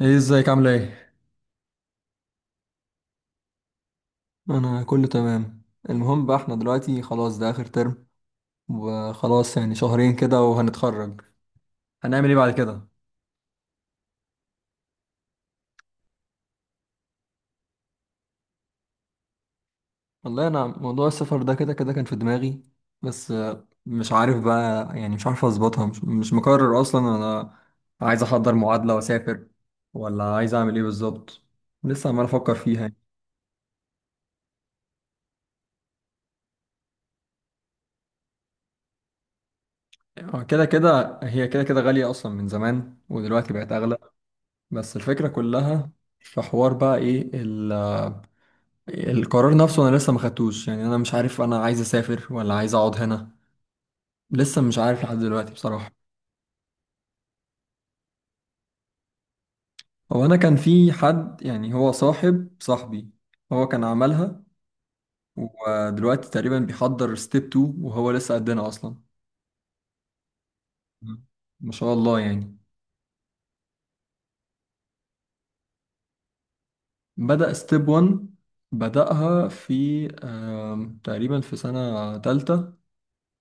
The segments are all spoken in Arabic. ايه، ازيك؟ عامله ايه؟ انا كله تمام. المهم بقى احنا دلوقتي خلاص ده اخر ترم، وخلاص يعني شهرين كده وهنتخرج. هنعمل ايه بعد كده؟ والله انا موضوع السفر ده كده كده كان في دماغي. بس مش عارف بقى، يعني مش عارف اظبطها، مش مقرر اصلا انا. عايز احضر معادله واسافر، ولا عايز اعمل ايه بالظبط. لسه عمال افكر فيها يعني. كده كده هي كده كده غاليه اصلا من زمان، ودلوقتي بقت اغلى. بس الفكره كلها في حوار بقى ايه. القرار نفسه انا لسه ما خدتوش، يعني انا مش عارف انا عايز اسافر ولا عايز اقعد هنا. لسه مش عارف لحد دلوقتي بصراحة. هو انا كان في حد، يعني هو صاحبي هو كان عملها. ودلوقتي تقريبا بيحضر ستيب 2، وهو لسه قدنا اصلا. مم. ما شاء الله يعني. بدأ ستيب 1، بدأها في تقريبا في سنة تالتة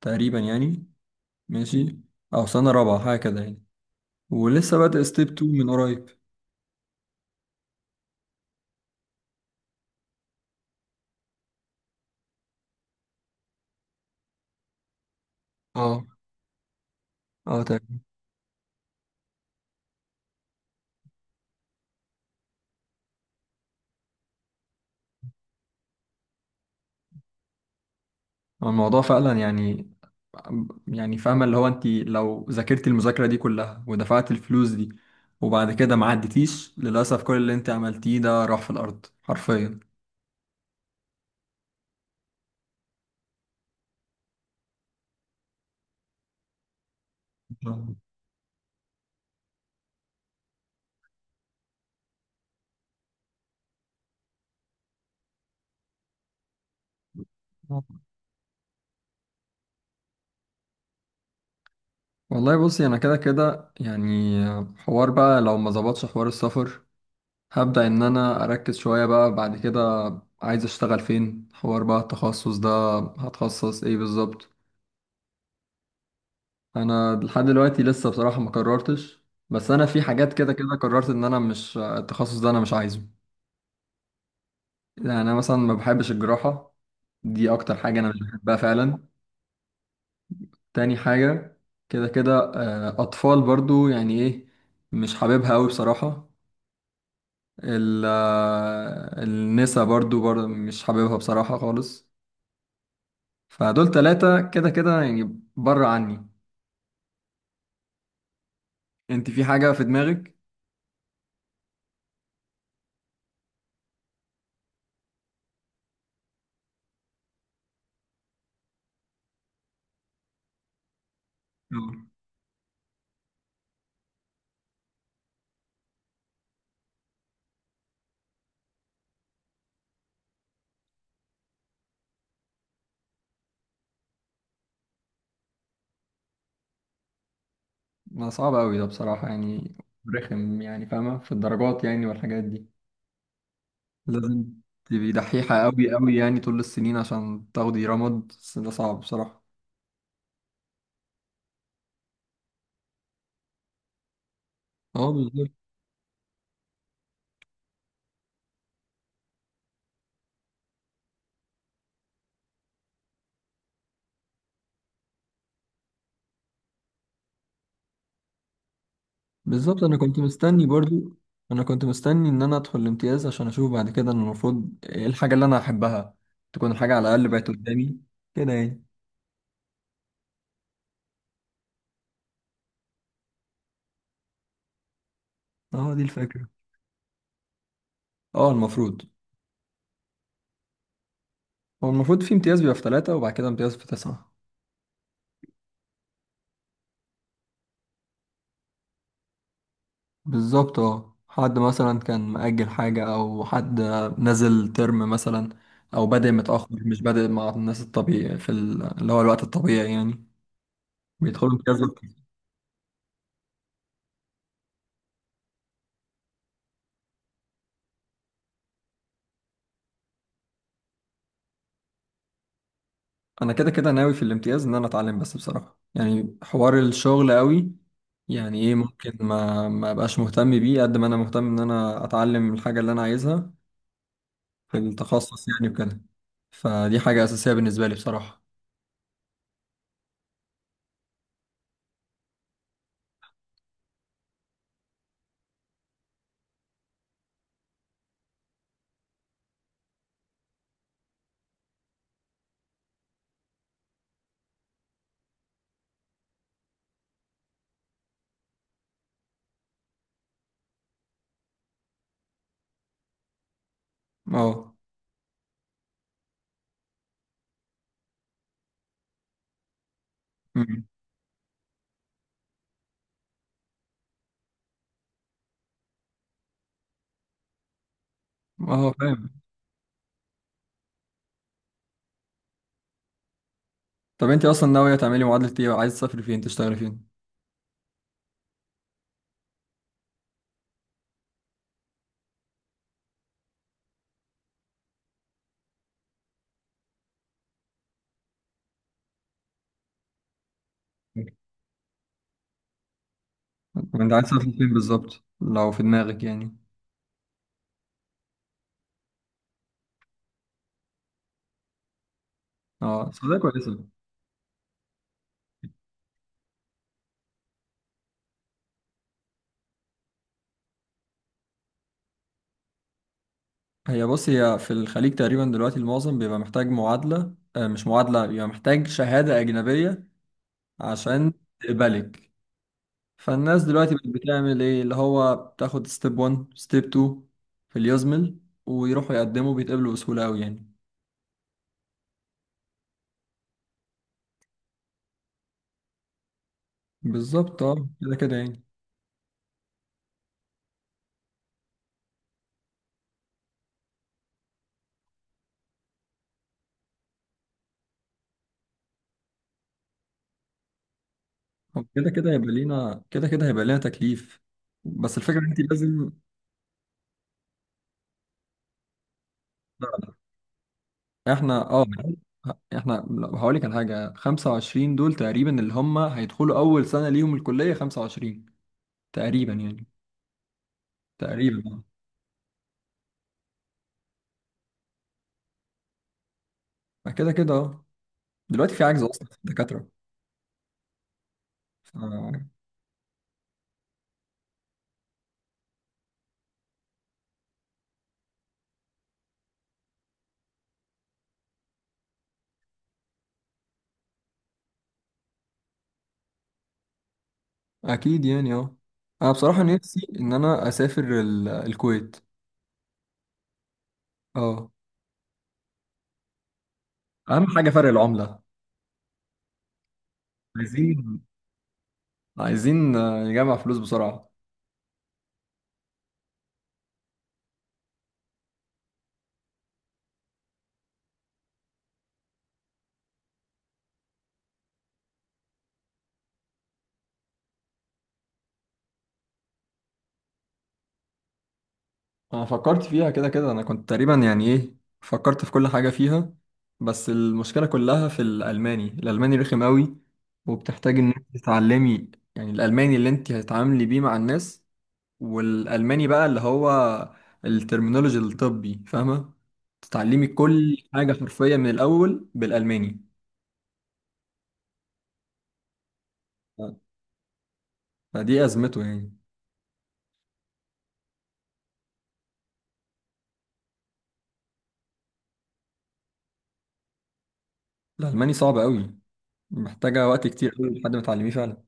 تقريبا يعني. ماشي، او سنة رابعة حاجة كده يعني. ولسه بادئ ستيب 2 من قريب. اه، اه، الموضوع فعلا يعني. يعني فاهمة اللي هو انت لو ذاكرتي المذاكرة دي كلها، ودفعت الفلوس دي، وبعد كده ما عدتيش للأسف، كل اللي انت عملتيه ده راح في الأرض حرفيا. والله بصي، انا كده كده يعني حوار بقى لو ما ظبطش حوار السفر، هبدأ ان انا اركز شوية بقى بعد كده. عايز اشتغل فين، حوار بقى التخصص ده، هتخصص ايه بالظبط. انا لحد دلوقتي لسه بصراحه ما قررتش، بس انا في حاجات كده كده قررت ان انا مش التخصص ده انا مش عايزه. يعني انا مثلا ما بحبش الجراحه، دي اكتر حاجه انا مش بحبها فعلا. تاني حاجه كده كده، اطفال برضو يعني ايه، مش حاببها قوي بصراحه. النسا برضو برضو مش حاببها بصراحه خالص. فدول ثلاثه كده كده يعني بره عني. انت في حاجه في دماغك؟ ما صعب أوي ده بصراحة يعني. رخم يعني، فاهمة في الدرجات يعني والحاجات دي. لازم تبقي دحيحة أوي أوي يعني طول السنين عشان تاخدي رمد، بس ده صعب بصراحة. اه بالظبط. بالظبط، أنا كنت مستني إن أنا أدخل الامتياز عشان أشوف بعد كده إن المفروض إيه الحاجة اللي أنا أحبها. تكون الحاجة على الأقل بقت قدامي كده يعني. اه دي الفكرة. اه المفروض. هو المفروض في امتياز بيبقى في ثلاثة، وبعد كده امتياز في تسعة. بالظبط اه، حد مثلا كان مأجل حاجة أو حد نزل ترم مثلا، أو بادئ متأخر مش بادئ مع الناس الطبيعي في اللي هو الوقت الطبيعي يعني. بيدخلوا امتياز وقت. أنا كده كده ناوي في الامتياز إن أنا أتعلم بس بصراحة، يعني حوار الشغل قوي يعني إيه، ممكن ما أبقاش مهتم بيه قد ما أنا مهتم إن أنا أتعلم الحاجة اللي أنا عايزها في التخصص يعني وكده. فدي حاجة أساسية بالنسبة لي بصراحة. اه. أمم. اه فاهم. طب انت اصلا ناوية تعملي معادلة ايه؟ عايز تسافري فين، تشتغلي فين؟ طب انت عايز تسافري فين بالظبط لو في دماغك يعني؟ اه السعودية كويسة. هي بص، هي في الخليج تقريبا دلوقتي المعظم بيبقى محتاج معادلة، مش معادلة، بيبقى محتاج شهادة أجنبية عشان تقبلك. فالناس دلوقتي بقت بتعمل ايه اللي هو بتاخد ستيب 1 ستيب 2 في اليوزمل، ويروحوا يقدموا بيتقبلوا بسهولة أوي يعني. بالظبط اه كده كده يعني. هو كده كده هيبقى لينا كده كده هيبقى لينا تكليف. بس الفكرة ان انت لازم. احنا اه احنا هقول لك على حاجة، 25 دول تقريبا اللي هم هيدخلوا اول سنة ليهم الكلية، 25 تقريبا يعني. تقريبا اه كده كده اه، دلوقتي في عجز اصلا في الدكاترة. ف- اكيد يعني اه. انا بصراحة نفسي ان انا اسافر الكويت. اه اهم حاجة فرق العملة. عايزين عايزين نجمع فلوس بسرعة. انا فكرت فيها كده كده، انا كنت تقريبا يعني ايه، فكرت في كل حاجة فيها. بس المشكلة كلها في الالماني، الالماني رخم قوي، وبتحتاج ان انت تتعلمي. يعني الالماني اللي انت هتتعاملي بيه مع الناس، والالماني بقى اللي هو الترمينولوجي الطبي فاهمة، تتعلمي كل حاجة حرفيا من الاول بالالماني. ف- فدي ازمته يعني. الالماني صعب قوي، محتاجة وقت كتير قوي لحد ما تعلميه فعلا.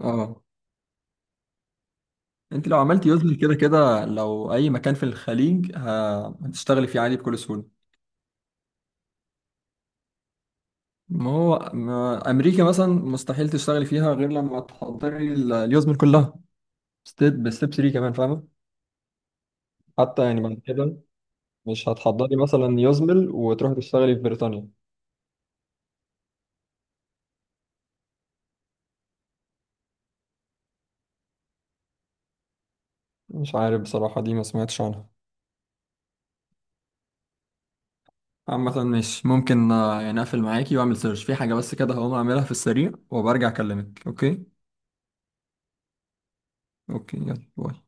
اه. انت لو عملت يوزلي كده كده لو اي مكان في الخليج هتشتغلي فيه عادي بكل سهوله. ما هو، ما امريكا مثلا مستحيل تشتغلي فيها غير لما تحضري اليوزمل كلها، ستيب بستيب 3 كمان فاهمه. حتى يعني بعد كده مش هتحضري مثلا يوزمل وتروحي تشتغلي في بريطانيا. مش عارف بصراحه، دي ما سمعتش عنها. عامة مش ممكن، يعني اقفل معاكي واعمل سيرش في حاجة بس كده، هقوم اعملها في السريع وبرجع اكلمك اوكي. اوكي يلا باي.